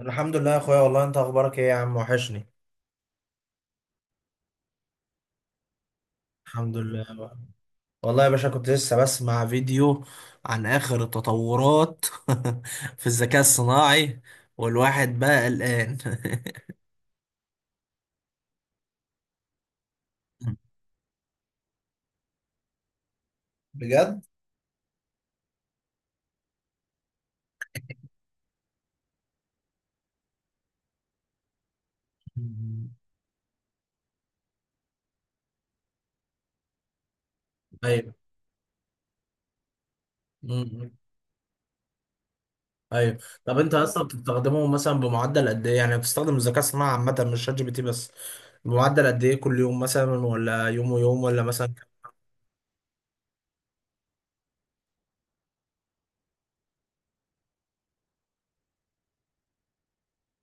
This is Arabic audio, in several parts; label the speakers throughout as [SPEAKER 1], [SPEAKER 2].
[SPEAKER 1] الحمد لله يا اخويا، والله انت اخبارك ايه يا عم؟ وحشني. الحمد لله. والله يا باشا كنت لسه بسمع فيديو عن اخر التطورات في الذكاء الصناعي. والواحد بقى قلقان. بجد. ايوه. أمم. ايوه. طب انت اصلا بتستخدمه مثلا بمعدل قد ايه؟ يعني بتستخدم الذكاء الصناعي عامه، مش شات جي بي تي بس. بمعدل قد ايه كل يوم مثلا، ولا يوم ويوم، ولا مثلا؟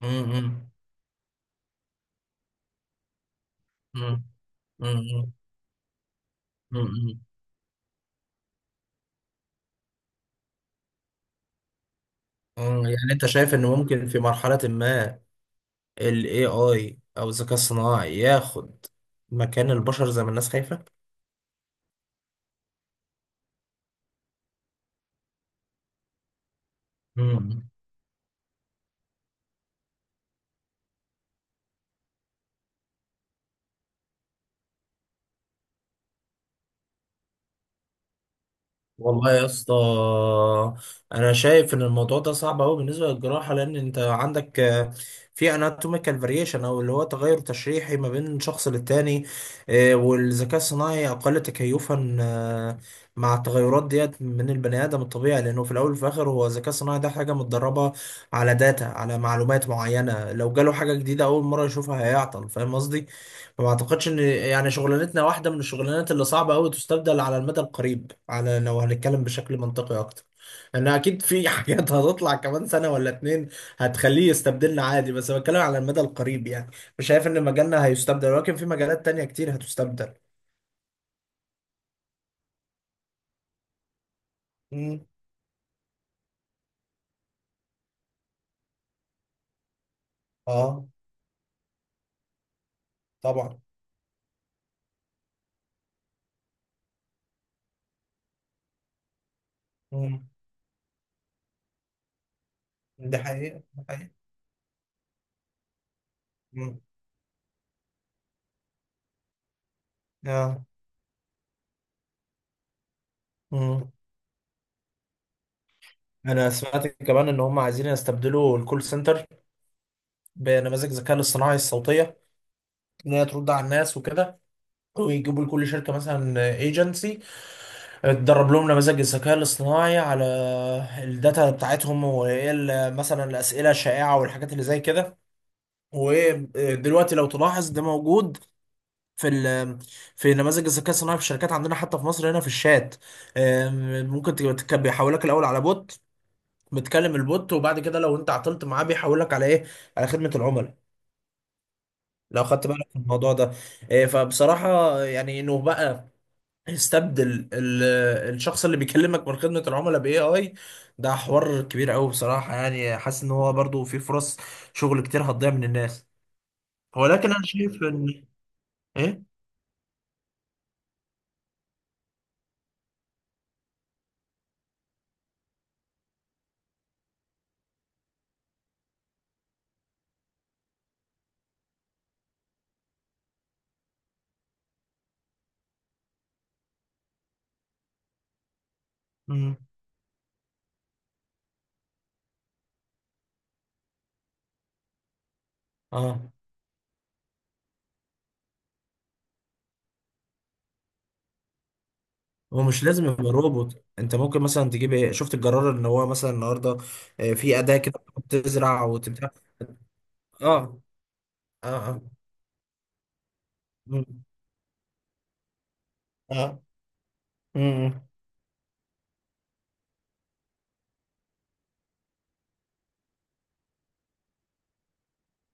[SPEAKER 1] أمم. أمم. أمم. أمم. يعني انت شايف ان ممكن في مرحلة ما ال AI او الذكاء الصناعي ياخد مكان البشر، زي ما الناس. خايفة؟ والله يا اسطى، انا شايف ان الموضوع ده صعب قوي بالنسبه للجراحه، لان انت عندك في anatomical variation، او اللي هو تغير تشريحي ما بين شخص للتاني. والذكاء الصناعي اقل تكيفا مع التغيرات ديت من البني ادم الطبيعي، لانه في الاول وفي الاخر هو الذكاء الصناعي ده حاجه متدربه على داتا، على معلومات معينه. لو جاله حاجه جديده اول مره يشوفها هيعطل، فاهم قصدي. ما اعتقدش ان يعني شغلانتنا واحده من الشغلانات اللي صعبه قوي تستبدل على المدى القريب، على لو هنتكلم بشكل منطقي اكتر. لان اكيد في حاجات هتطلع كمان سنه ولا اتنين هتخليه يستبدلنا عادي، بس بتكلم على المدى القريب يعني. مش شايف ان مجالنا هيستبدل، ولكن في مجالات تانية كتير هتستبدل. امم. اه. طبعا. امم. ده حقيقه، ده حقيقه. امم. اه. امم. انا سمعت كمان ان هم عايزين يستبدلوا الكول سنتر بنماذج الذكاء الاصطناعي الصوتيه، ان هي ترد على الناس وكده. ويجيبوا لكل شركة مثلا ايجنسي تدرب لهم نماذج الذكاء الاصطناعي على الداتا بتاعتهم، وايه مثلا الأسئلة الشائعة والحاجات اللي زي كده. ودلوقتي لو تلاحظ ده موجود في ال في نماذج الذكاء الصناعي في الشركات عندنا، حتى في مصر هنا، في الشات. ممكن تبقى بيحولك الأول على بوت، بتكلم البوت، وبعد كده لو انت عطلت معاه بيحولك على ايه، على خدمة العملاء. لو خدت بالك من الموضوع ده. فبصراحة يعني انه بقى يستبدل الشخص اللي بيكلمك من خدمة العملاء باي اي، ده حوار كبير قوي بصراحة. يعني حاسس ان هو برضو في فرص شغل كتير هتضيع من الناس. ولكن انا شايف ان. ايه. مم. اه. هو مش لازم يبقى روبوت، انت ممكن مثلا تجيب ايه، شفت الجرار ان هو مثلا النهارده في اداة كده بتزرع وتبتاع. اه. اه. اه. مم. اه. مم.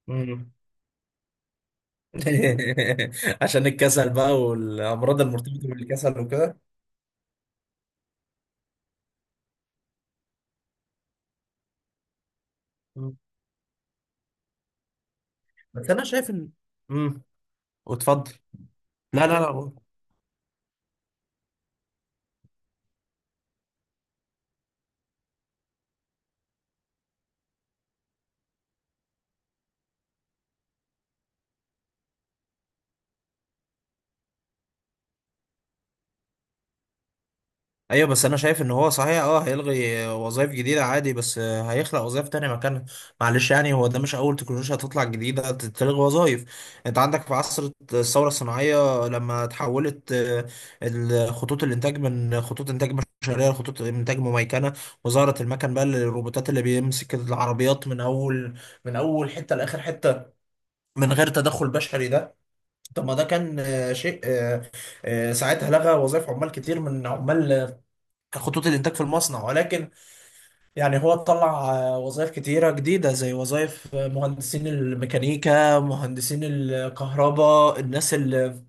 [SPEAKER 1] مم. عشان الكسل بقى، والامراض المرتبطة بالكسل وكده. بس انا شايف ان. امم. واتفضل. لا، لا، لا. ايوه، بس انا شايف ان هو صحيح، اه هيلغي وظائف جديده عادي، بس هيخلق وظائف تانية مكانها. معلش يعني، هو ده مش اول تكنولوجيا هتطلع جديده تلغي وظائف. انت عندك في عصر الثوره الصناعيه لما تحولت خطوط الانتاج من خطوط انتاج بشريه لخطوط انتاج مميكنه، وظهرت المكن بقى، الروبوتات اللي بيمسك العربيات من اول حته لاخر حته من غير تدخل بشري ده. طب ما ده كان شيء، ساعتها لغى وظائف عمال كتير من عمال خطوط الانتاج في المصنع، ولكن يعني هو طلع وظائف كتيره جديده، زي وظائف مهندسين الميكانيكا، مهندسين الكهرباء، الناس اللي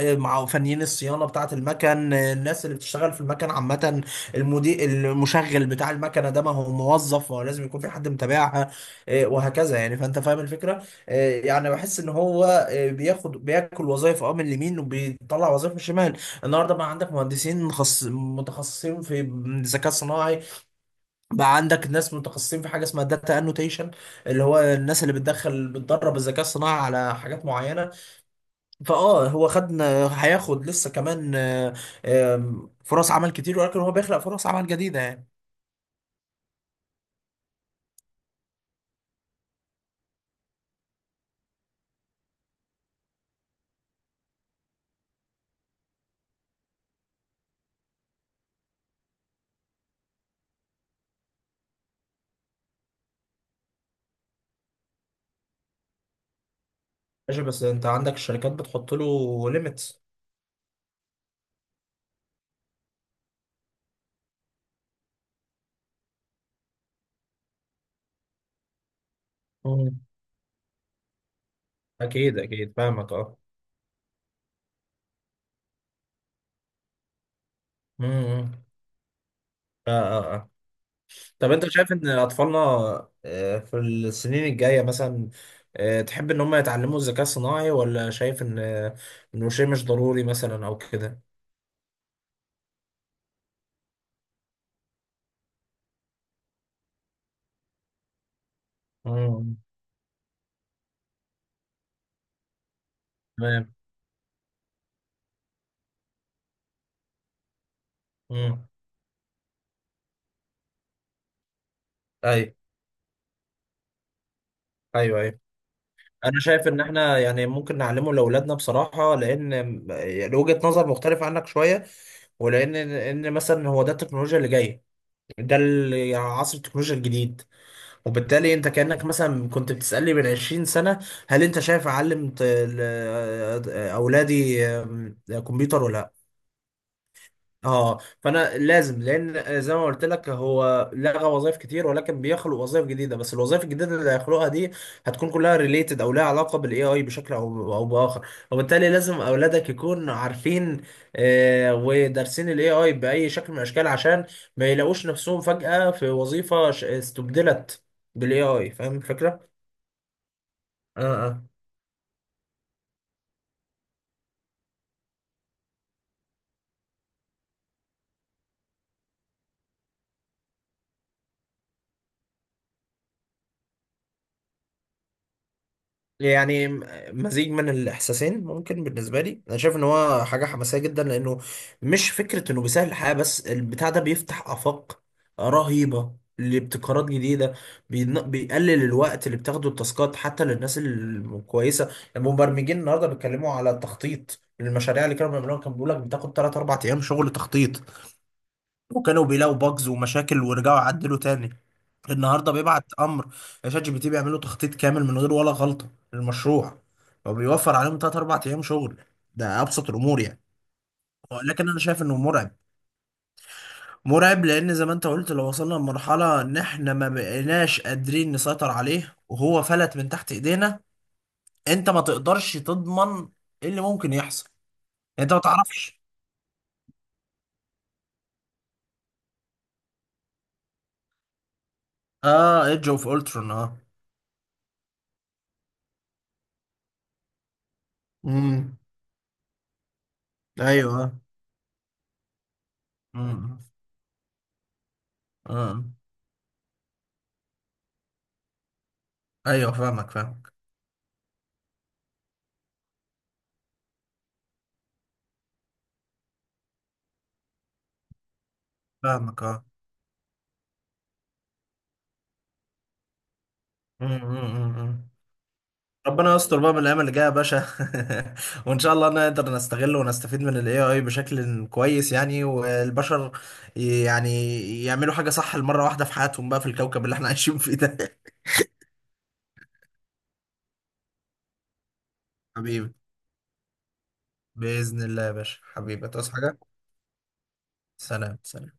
[SPEAKER 1] مع فنيين الصيانه بتاعه المكن، الناس اللي بتشتغل في المكن عامه، المدير، المشغل بتاع المكنه ده. ما هو موظف، ما هو لازم يكون في حد متابعها. وهكذا يعني، فانت فاهم الفكره. يعني بحس ان هو بياكل وظائف من اليمين وبيطلع وظائف من الشمال. النهارده بقى عندك مهندسين متخصصين في الذكاء الصناعي، بقى عندك ناس متخصصين في حاجه اسمها داتا انوتيشن، اللي هو الناس اللي بتدخل بتدرب الذكاء الصناعي على حاجات معينه. فاه هو هياخد لسه كمان آه، آم، فرص عمل كتير، ولكن هو بيخلق فرص عمل جديدة يعني. ماشي، بس انت عندك الشركات بتحط له ليميتس. مم. اكيد، اكيد فاهمك، اه. امم. آه، آه، آه. طب انت شايف ان اطفالنا في السنين الجايه مثلا، تحب ان هم يتعلموا الذكاء الصناعي؟ ولا شايف ان انه شيء مش ضروري مثلا، او كده. مم. تمام. امم. اي. ايوه، ايوه. انا شايف ان احنا يعني ممكن نعلمه لاولادنا بصراحه، لان يعني وجهه نظر مختلفه عنك شويه، ولان ان مثلا هو ده التكنولوجيا اللي جايه، ده يعني عصر التكنولوجيا الجديد. وبالتالي انت كانك مثلا كنت بتسالني من 20 سنه، هل انت شايف اعلم اولادي كمبيوتر ولا؟ اه. فانا لازم، لان زي ما قلت لك هو لغى وظائف كتير، ولكن بيخلق وظائف جديده. بس الوظائف الجديده اللي هيخلقها دي هتكون كلها ريليتد، او لها علاقه بالاي اي بشكل او باخر، وبالتالي لازم اولادك يكونوا عارفين ودارسين الاي اي باي شكل من الاشكال، عشان ما يلاقوش نفسهم فجاه في وظيفه استبدلت بالاي اي، فاهم الفكره؟ اه. يعني مزيج من الاحساسين ممكن. بالنسبه لي انا شايف ان هو حاجه حماسيه جدا، لانه مش فكره انه بيسهل الحياه بس، البتاع ده بيفتح افاق رهيبه لابتكارات جديده. بيقلل الوقت اللي بتاخده التاسكات حتى للناس الكويسه، المبرمجين النهارده بيتكلموا على التخطيط. المشاريع اللي كانوا بيعملوها كان بيقول لك بتاخد 3 4 ايام شغل تخطيط، وكانوا بيلاقوا باجز ومشاكل ورجعوا عدلوا تاني. النهارده بيبعت امر شات جي بي تي بيعملوا تخطيط كامل من غير ولا غلطه للمشروع، فبيوفر عليهم 3 4 ايام شغل. ده ابسط الامور يعني. لكن انا شايف انه مرعب، مرعب لان زي ما انت قلت، لو وصلنا لمرحله ان احنا ما بقيناش قادرين نسيطر عليه وهو فلت من تحت ايدينا، انت ما تقدرش تضمن ايه اللي ممكن يحصل، انت ما تعرفش. اه، ايدج اوف الترون، اه. امم. ايوه. امم. اه. ايوه، فاهمك، فاهمك، فاهمك، اه. أمم، أمم، أمم. ربنا يستر بقى من الايام اللي جايه يا باشا. وان شاء الله نقدر نستغله ونستفيد من الاي اي بشكل كويس يعني، والبشر يعني يعملوا حاجه صح المره واحده في حياتهم بقى في الكوكب اللي احنا عايشين فيه ده. حبيبي، باذن الله يا باشا حبيبي، تصحى حاجه. سلام، سلام.